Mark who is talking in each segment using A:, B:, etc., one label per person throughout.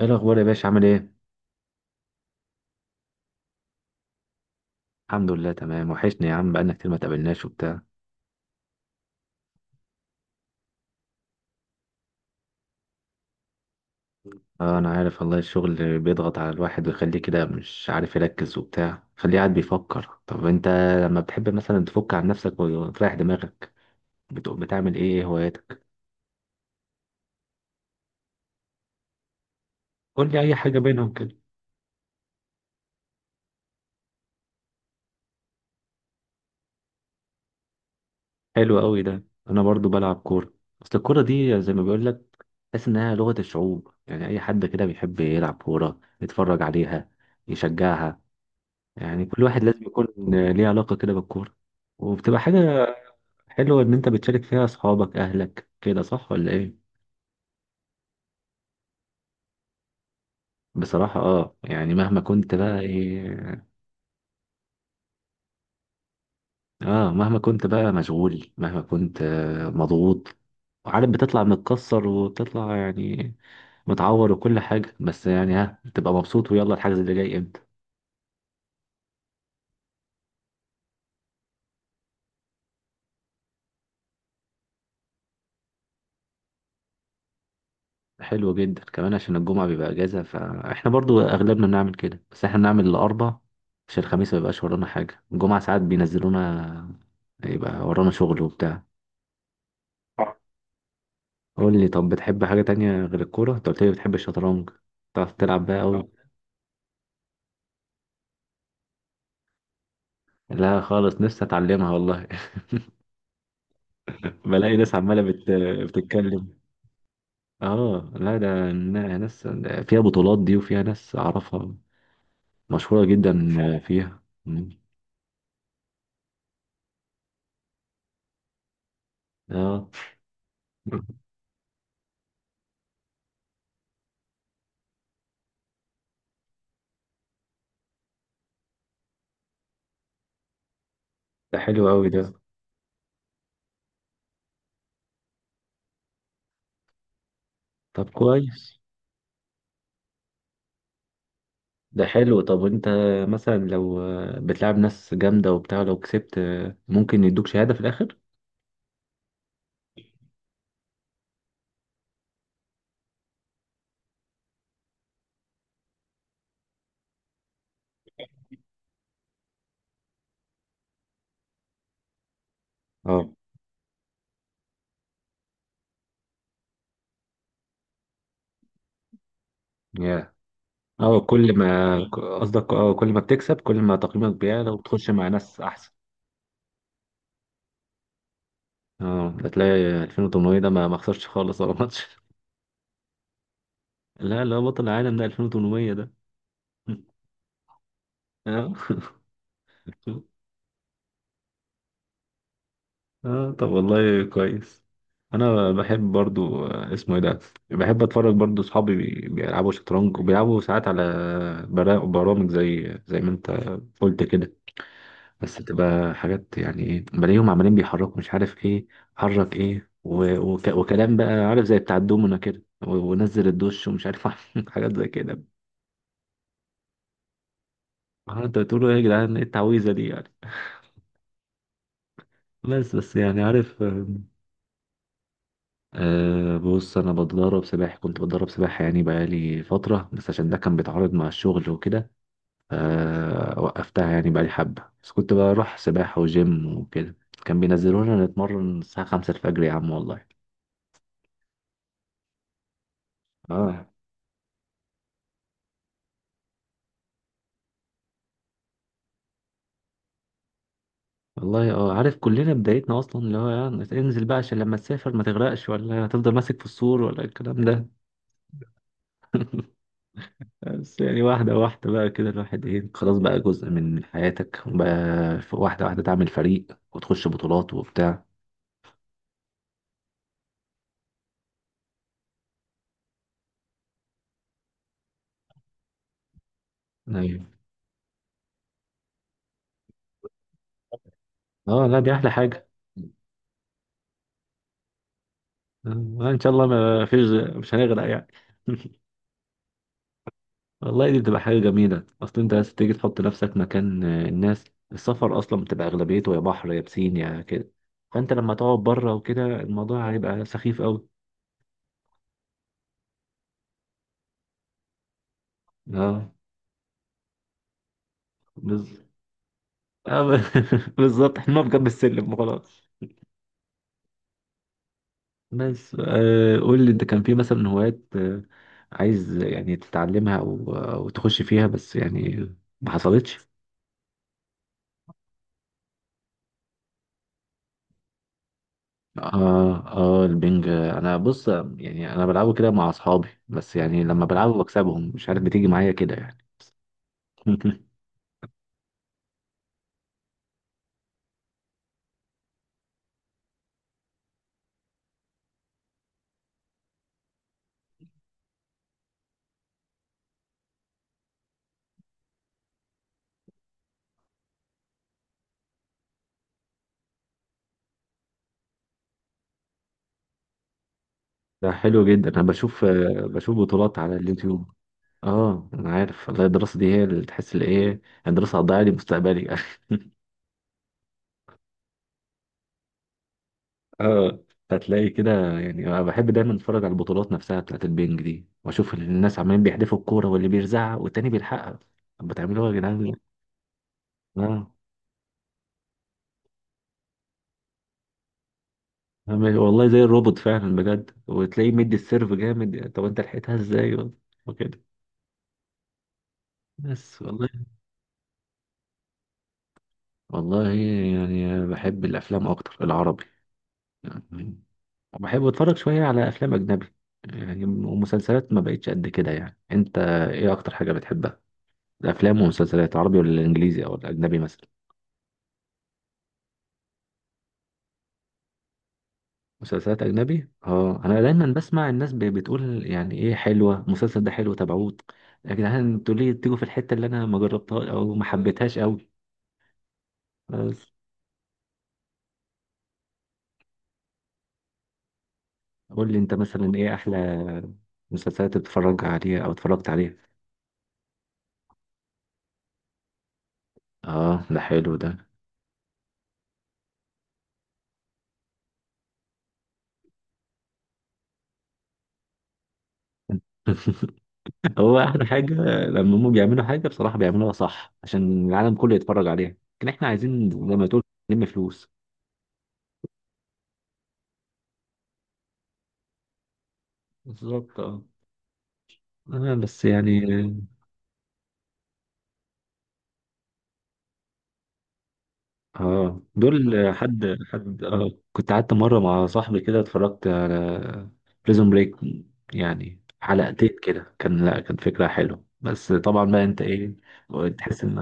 A: ايه الاخبار يا باشا، عامل ايه؟ الحمد لله تمام. وحشني يا عم، بقالنا كتير ما تقابلناش وبتاع. اه، انا عارف والله. الشغل بيضغط على الواحد ويخليه كده مش عارف يركز وبتاع، خليه قاعد بيفكر. طب انت لما بتحب مثلا تفك عن نفسك وتريح دماغك، بتعمل ايه؟ ايه هواياتك؟ قول لي اي حاجه بينهم كده. حلو قوي ده. انا برضو بلعب كوره. اصل الكوره دي زي ما بيقول لك، تحس انها لغه الشعوب. يعني اي حد كده بيحب يلعب كوره، يتفرج عليها، يشجعها. يعني كل واحد لازم يكون ليه علاقة كده بالكورة، وبتبقى حاجة حلوة إن أنت بتشارك فيها أصحابك أهلك، كده صح ولا إيه؟ بصراحة يعني مهما كنت بقى إيه، مهما كنت بقى مشغول، مهما كنت مضغوط، وعارف بتطلع متكسر وبتطلع يعني متعور وكل حاجة، بس يعني ها بتبقى مبسوط، ويلا الحجز اللي جاي إمتى؟ حلو جدا، كمان عشان الجمعة بيبقى اجازة فاحنا برضو اغلبنا بنعمل كده، بس احنا بنعمل الاربع عشان الخميس ما يبقاش ورانا حاجة، الجمعة ساعات بينزلونا يبقى ورانا شغل وبتاع. آه. قول لي، طب بتحب حاجة تانية غير الكورة؟ انت قلت لي بتحب الشطرنج، بتعرف تلعب بقى؟ آه. أوي. لا خالص، نفسي أتعلمها والله. بلاقي ناس عمالة بتتكلم اه لا، ده ناس فيها بطولات دي، وفيها ناس أعرفها مشهورة جدا فيها. اه، ده حلو أوي ده. طب كويس. ده حلو. طب انت مثلا لو بتلعب ناس جامدة وبتاع، لو كسبت ممكن يدوك شهادة في الآخر؟ اه، يا. اه، كل ما قصدك اه، كل ما بتكسب، كل ما تقييمك بيعلى وبتخش مع ناس أحسن. اه، هتلاقي 2800 ده ما خسرش خالص ولا ماتش. لا لا، بطل العالم ده 2800 ده. اه اه، طب والله كويس. انا بحب برضو اسمه ايه ده. بحب اتفرج برضو، اصحابي بيلعبوا شطرنج وبيلعبوا ساعات على برامج زي ما انت قلت كده. بس بتبقى حاجات، يعني ايه، بلاقيهم عمالين بيحركوا مش عارف ايه، حرك ايه وكلام بقى عارف زي بتاع الدومنا كده ونزل الدش ومش عارف. حاجات زي كده. انت بتقولوا ايه يا جدعان، ايه التعويذه دي يعني. بس بس يعني عارف أه، بص انا بتدرب سباحه، كنت بتدرب سباحه يعني بقالي فتره، بس عشان ده كان بيتعارض مع الشغل وكده. أه، وقفتها يعني بقالي حبه، بس كنت بروح سباحه وجيم وكده. كان بينزلونا نتمرن الساعه 5 الفجر يا عم، والله. اه والله. اه عارف، كلنا بدايتنا اصلا اللي هو يعني انزل بقى عشان لما تسافر ما تغرقش، ولا هتفضل ماسك في السور ولا الكلام ده. بس يعني واحده واحده بقى كده، الواحد ايه، خلاص بقى جزء من حياتك وبقى واحده واحده تعمل فريق وتخش بطولات وبتاع. أيوة. اه لا، دي احلى حاجه. آه، ان شاء الله ما فيش، مش هنغرق يعني. والله دي بتبقى حاجه جميله، اصل انت عايز تيجي تحط نفسك مكان الناس. السفر اصلا بتبقى اغلبيته يا بحر يا بسين يا كده، فانت لما تقعد بره وكده الموضوع هيبقى سخيف قوي. اه، بز... آه، ب- بالظبط، احنا بجنب السلم وخلاص. بس قول لي، انت كان في مثلا هوايات عايز يعني تتعلمها او آه، أو تخش فيها، بس يعني ما حصلتش. اه اه، البنج انا بص، يعني انا بلعبه كده مع اصحابي، بس يعني لما بلعبه بكسبهم مش عارف بتيجي معايا كده يعني. ده حلو جدا، انا بشوف بطولات على اليوتيوب. اه، انا عارف والله، الدراسه دي هي اللي تحس اللي ايه، الدراسه هتضيع لي مستقبلي. اه، هتلاقي كده. يعني انا بحب دايما اتفرج على البطولات نفسها بتاعت البنج دي، واشوف الناس عمالين بيحدفوا الكوره واللي بيرزعها والتاني بيلحقها. طب بتعملوا ايه يا جدعان؟ اه، والله زي الروبوت فعلا بجد، وتلاقيه مدي السيرف جامد. طب انت لحقتها ازاي وكده؟ بس والله. والله يعني بحب الافلام اكتر، العربي يعني. بحب اتفرج شويه على افلام اجنبي يعني، ومسلسلات ما بقتش قد كده. يعني انت ايه اكتر حاجه بتحبها، الافلام والمسلسلات عربي ولا الانجليزي او الاجنبي مثلا؟ مسلسلات اجنبي، اه انا دايما بسمع الناس بتقول يعني ايه، حلوه المسلسل ده، حلو تابعوه. يا جدعان انتوا ليه بتيجوا في الحته اللي انا ما جربتها او ما حبيتهاش قوي؟ بس قول لي انت مثلا، ايه احلى مسلسلات بتتفرج عليها او اتفرجت عليها؟ اه ده حلو ده. هو احلى حاجه لما هم بيعملوا حاجه بصراحه بيعملوها صح عشان العالم كله يتفرج عليها. لكن احنا عايزين، زي ما تقول، نلم فلوس. بالظبط اه. بس يعني، اه دول. حد كنت قعدت مره مع صاحبي كده، اتفرجت على بريزون بريك، يعني حلقتين كده كان، لا كان فكره حلوه، بس طبعا بقى انت ايه، تحس ان،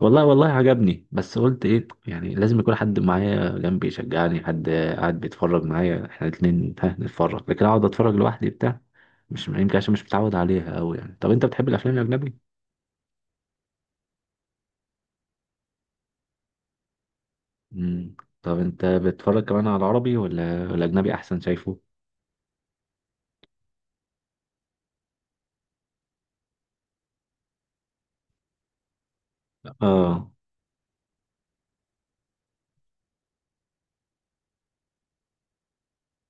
A: والله والله عجبني، بس قلت ايه يعني لازم يكون حد معايا جنبي يشجعني، حد قاعد بيتفرج معايا احنا الاتنين ها نتفرج، لكن اقعد اتفرج لوحدي بتاع، مش يمكن عشان مش متعود عليها قوي يعني. طب انت بتحب الافلام الاجنبي؟ امم. طب انت بتتفرج كمان على العربي ولا الاجنبي احسن شايفه؟ اه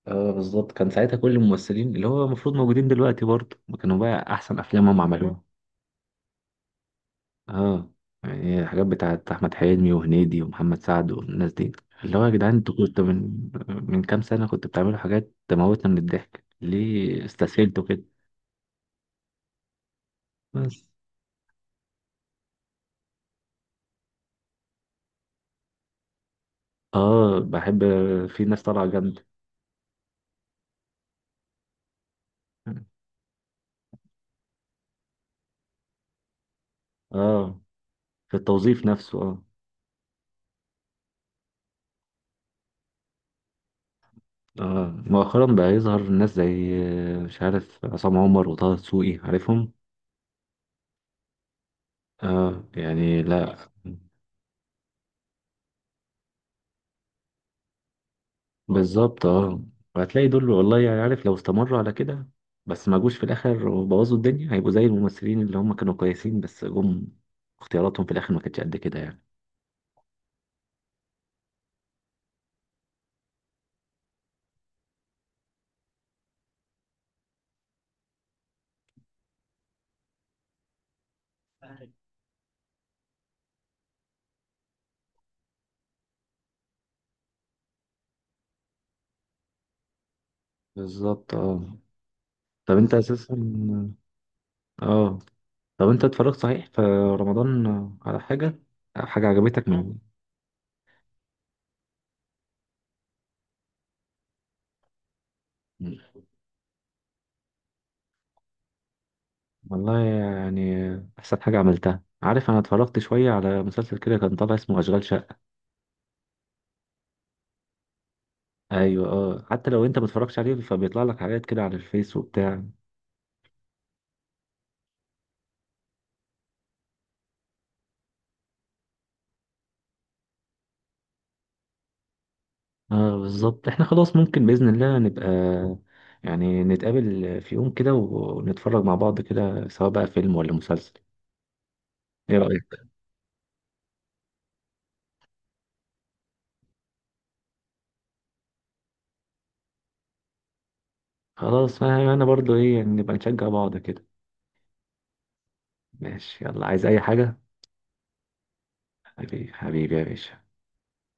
A: اه بالظبط، كان ساعتها كل الممثلين اللي هو المفروض موجودين دلوقتي برضه، ما كانوا بقى احسن افلامهم عملوها. اه يعني، الحاجات بتاعت احمد حلمي وهنيدي ومحمد سعد والناس دي، اللي هو يا جدعان انتوا كنتوا من كام سنه كنتوا بتعملوا حاجات تموتنا من الضحك، ليه استسهلتوا كده؟ بس. اه، بحب. في ناس طالعه جامده. اه، في التوظيف نفسه، اه. اه مؤخرا بقى يظهر ناس زي مش عارف، عصام عمر وطه دسوقي، عارفهم. اه يعني لا. بالظبط اه. وهتلاقي دول والله، يعني عارف لو استمروا على كده، بس ما جوش في الاخر وبوظوا الدنيا، هيبقوا زي الممثلين اللي هم كانوا كويسين بس جم اختياراتهم في الاخر ما كانتش قد كده يعني. بالظبط اه. طب انت اساسا، اه، طب انت اتفرجت صحيح في رمضان على حاجة، حاجة عجبتك من. مم. والله يعني، احسن حاجة عملتها، عارف انا اتفرجت شوية على مسلسل كده كان طالع اسمه اشغال شقة. ايوه اه، حتى لو انت ما اتفرجتش عليه فبيطلع لك حاجات كده على الفيس وبتاع. اه بالظبط، احنا خلاص ممكن بإذن الله نبقى، يعني نتقابل في يوم كده ونتفرج مع بعض كده، سواء بقى فيلم ولا مسلسل. ايه رأيك؟ خلاص. أنا برضو ايه يعني، نبقى نشجع بعض كده. ماشي، يلا، عايز اي حاجة؟ حبيبي حبيبي يا باشا.